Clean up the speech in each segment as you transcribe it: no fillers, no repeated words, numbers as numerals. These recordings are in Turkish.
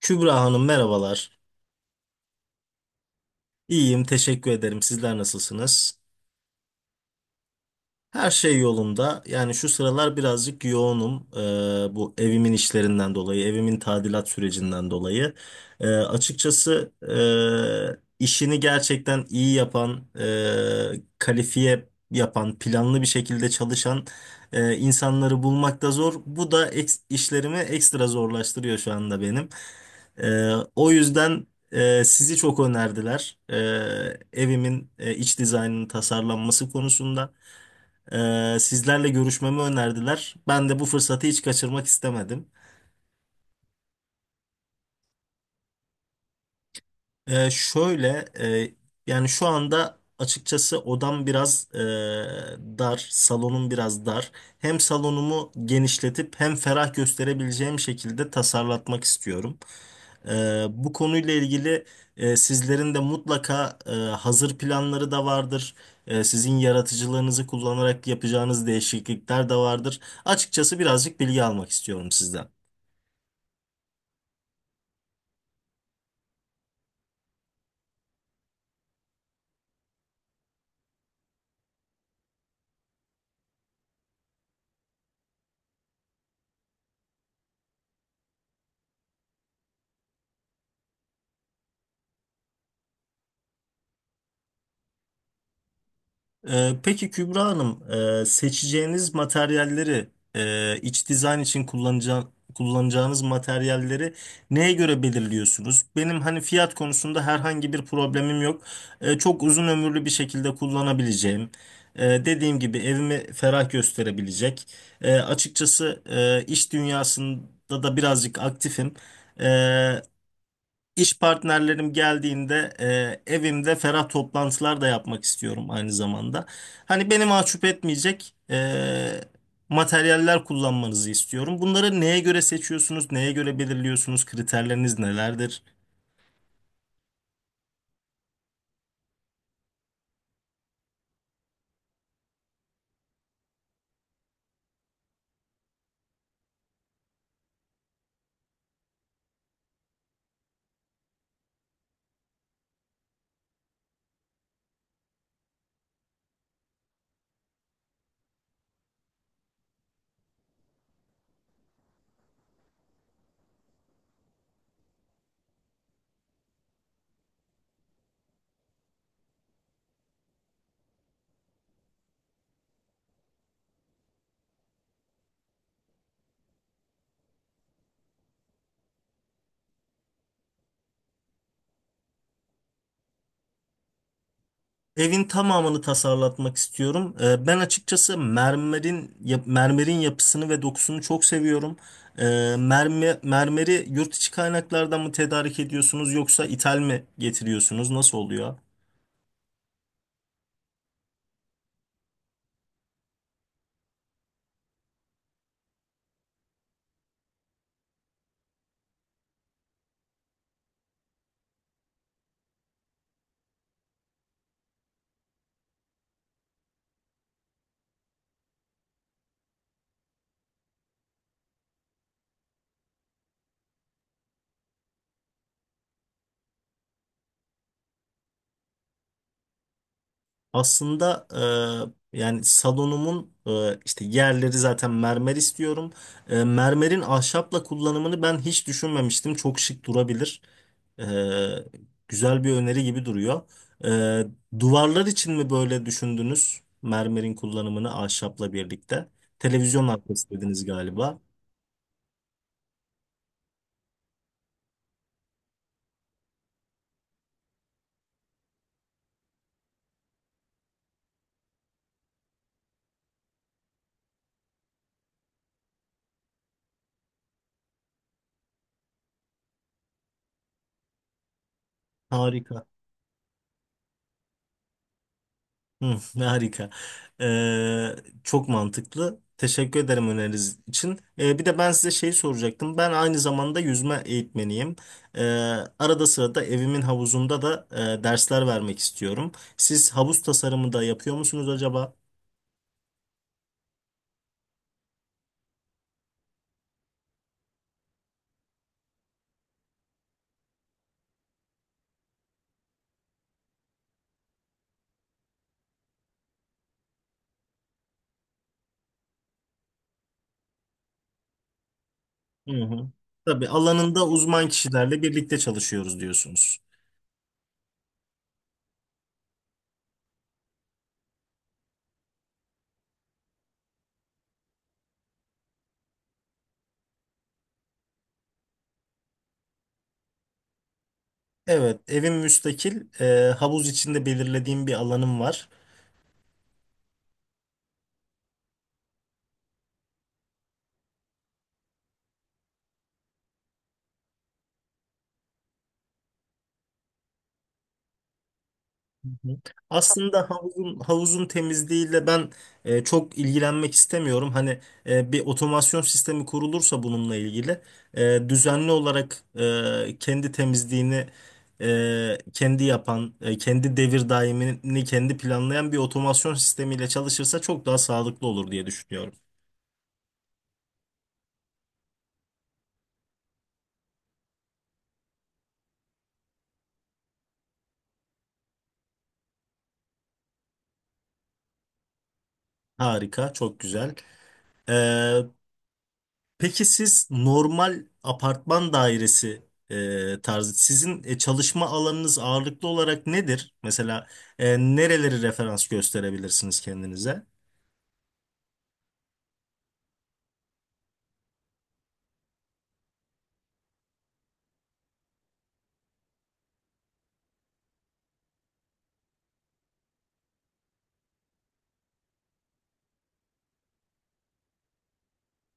Kübra Hanım merhabalar. İyiyim, teşekkür ederim. Sizler nasılsınız? Her şey yolunda. Yani şu sıralar birazcık yoğunum. Bu evimin işlerinden dolayı, evimin tadilat sürecinden dolayı. Açıkçası işini gerçekten iyi yapan, kalifiye yapan, planlı bir şekilde çalışan insanları bulmak da zor. Bu da işlerimi ekstra zorlaştırıyor şu anda benim. O yüzden sizi çok önerdiler. Evimin iç dizaynının tasarlanması konusunda. Sizlerle görüşmemi önerdiler. Ben de bu fırsatı hiç kaçırmak istemedim. Ee, şöyle, e, Yani şu anda açıkçası odam biraz dar, salonum biraz dar. Hem salonumu genişletip hem ferah gösterebileceğim şekilde tasarlatmak istiyorum. Bu konuyla ilgili sizlerin de mutlaka hazır planları da vardır. Sizin yaratıcılığınızı kullanarak yapacağınız değişiklikler de vardır. Açıkçası birazcık bilgi almak istiyorum sizden. Peki Kübra Hanım, seçeceğiniz materyalleri, iç dizayn için kullanacağınız materyalleri neye göre belirliyorsunuz? Benim hani fiyat konusunda herhangi bir problemim yok. Çok uzun ömürlü bir şekilde kullanabileceğim. Dediğim gibi evimi ferah gösterebilecek. Açıkçası iş dünyasında da birazcık aktifim. E, İş partnerlerim geldiğinde evimde ferah toplantılar da yapmak istiyorum aynı zamanda. Hani beni mahcup etmeyecek materyaller kullanmanızı istiyorum. Bunları neye göre seçiyorsunuz, neye göre belirliyorsunuz, kriterleriniz nelerdir? Evin tamamını tasarlatmak istiyorum. Ben açıkçası mermerin yapısını ve dokusunu çok seviyorum. E, Mermeri yurt içi kaynaklardan mı tedarik ediyorsunuz yoksa ithal mi getiriyorsunuz? Nasıl oluyor? Aslında yani salonumun işte yerleri zaten mermer istiyorum. Mermerin ahşapla kullanımını ben hiç düşünmemiştim. Çok şık durabilir. E, Güzel bir öneri gibi duruyor. Duvarlar için mi böyle düşündünüz? Mermerin kullanımını ahşapla birlikte. Televizyon arkası dediniz galiba. Harika. Hı, ne harika. Ee, Çok mantıklı. Teşekkür ederim öneriniz için. Bir de ben size şey soracaktım. Ben aynı zamanda yüzme eğitmeniyim. Ee, Arada sırada evimin havuzunda da dersler vermek istiyorum. Siz havuz tasarımı da yapıyor musunuz acaba? Hı hı. Tabii alanında uzman kişilerle birlikte çalışıyoruz diyorsunuz. Evet, evim müstakil. Havuz içinde belirlediğim bir alanım var. Hı hı. Aslında havuzun temizliğiyle ben çok ilgilenmek istemiyorum. Hani bir otomasyon sistemi kurulursa bununla ilgili düzenli olarak kendi temizliğini kendi yapan, kendi devir daimini kendi planlayan bir otomasyon sistemiyle çalışırsa çok daha sağlıklı olur diye düşünüyorum. Harika, çok güzel. E, Peki siz normal apartman dairesi tarzı sizin çalışma alanınız ağırlıklı olarak nedir? Mesela nereleri referans gösterebilirsiniz kendinize?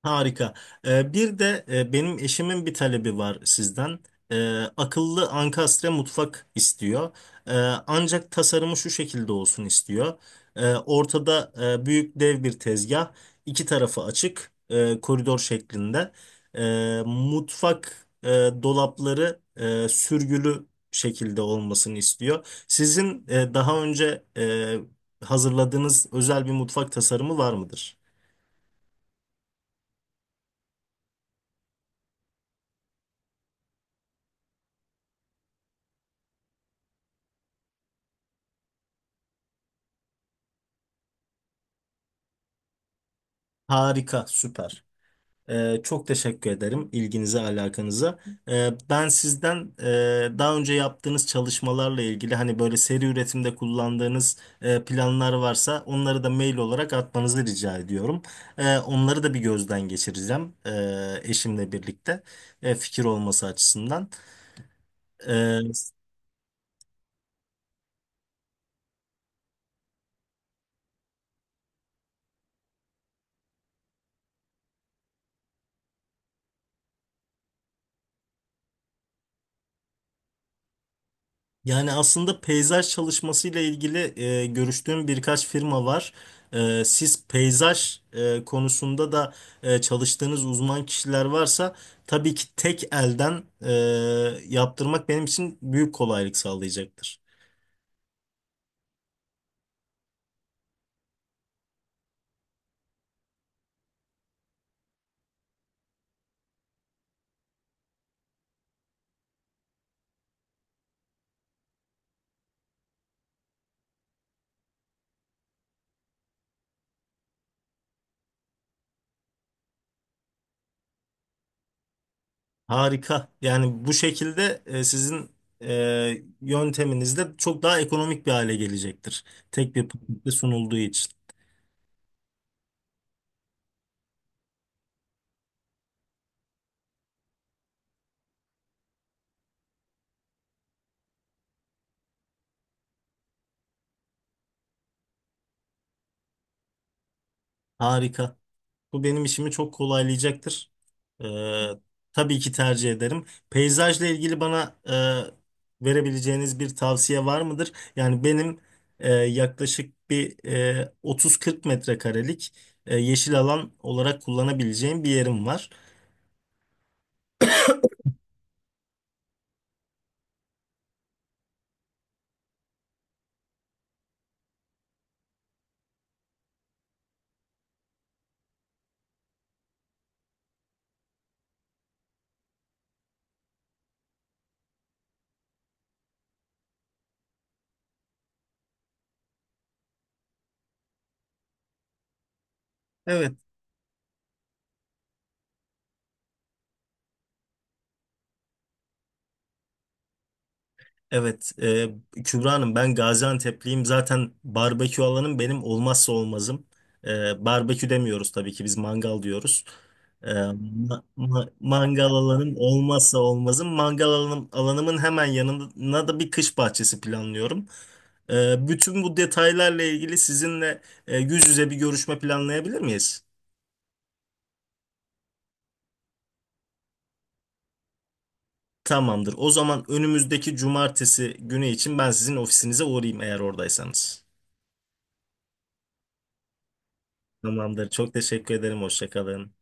Harika. Bir de benim eşimin bir talebi var sizden. Akıllı ankastre mutfak istiyor. Ee, Ancak tasarımı şu şekilde olsun istiyor. Ortada büyük dev bir tezgah, iki tarafı açık, koridor şeklinde. Mutfak dolapları sürgülü şekilde olmasını istiyor. Sizin daha önce hazırladığınız özel bir mutfak tasarımı var mıdır? Harika, süper. Çok teşekkür ederim ilginize, alakanıza. Ben sizden daha önce yaptığınız çalışmalarla ilgili hani böyle seri üretimde kullandığınız planlar varsa onları da mail olarak atmanızı rica ediyorum. Onları da bir gözden geçireceğim eşimle birlikte fikir olması açısından. Yani aslında peyzaj çalışmasıyla ilgili görüştüğüm birkaç firma var. Siz peyzaj konusunda da çalıştığınız uzman kişiler varsa tabii ki tek elden yaptırmak benim için büyük kolaylık sağlayacaktır. Harika. Yani bu şekilde sizin yönteminiz de çok daha ekonomik bir hale gelecektir. Tek bir pakette sunulduğu için. Harika. Bu benim işimi çok kolaylayacaktır. Ee, tabii ki tercih ederim. Peyzajla ilgili bana verebileceğiniz bir tavsiye var mıdır? Yani benim yaklaşık 30-40 metrekarelik yeşil alan olarak kullanabileceğim bir yerim var. Evet, Evet, e, Kübra Hanım ben Gaziantep'liyim. Zaten barbekü alanım benim olmazsa olmazım. Barbekü demiyoruz tabii ki biz mangal diyoruz. Mangal alanım olmazsa olmazım. Mangal alanım, alanımın hemen yanına da bir kış bahçesi planlıyorum. Bütün bu detaylarla ilgili sizinle yüz yüze bir görüşme planlayabilir miyiz? Tamamdır. O zaman önümüzdeki cumartesi günü için ben sizin ofisinize uğrayayım eğer oradaysanız. Tamamdır. Çok teşekkür ederim. Hoşça kalın.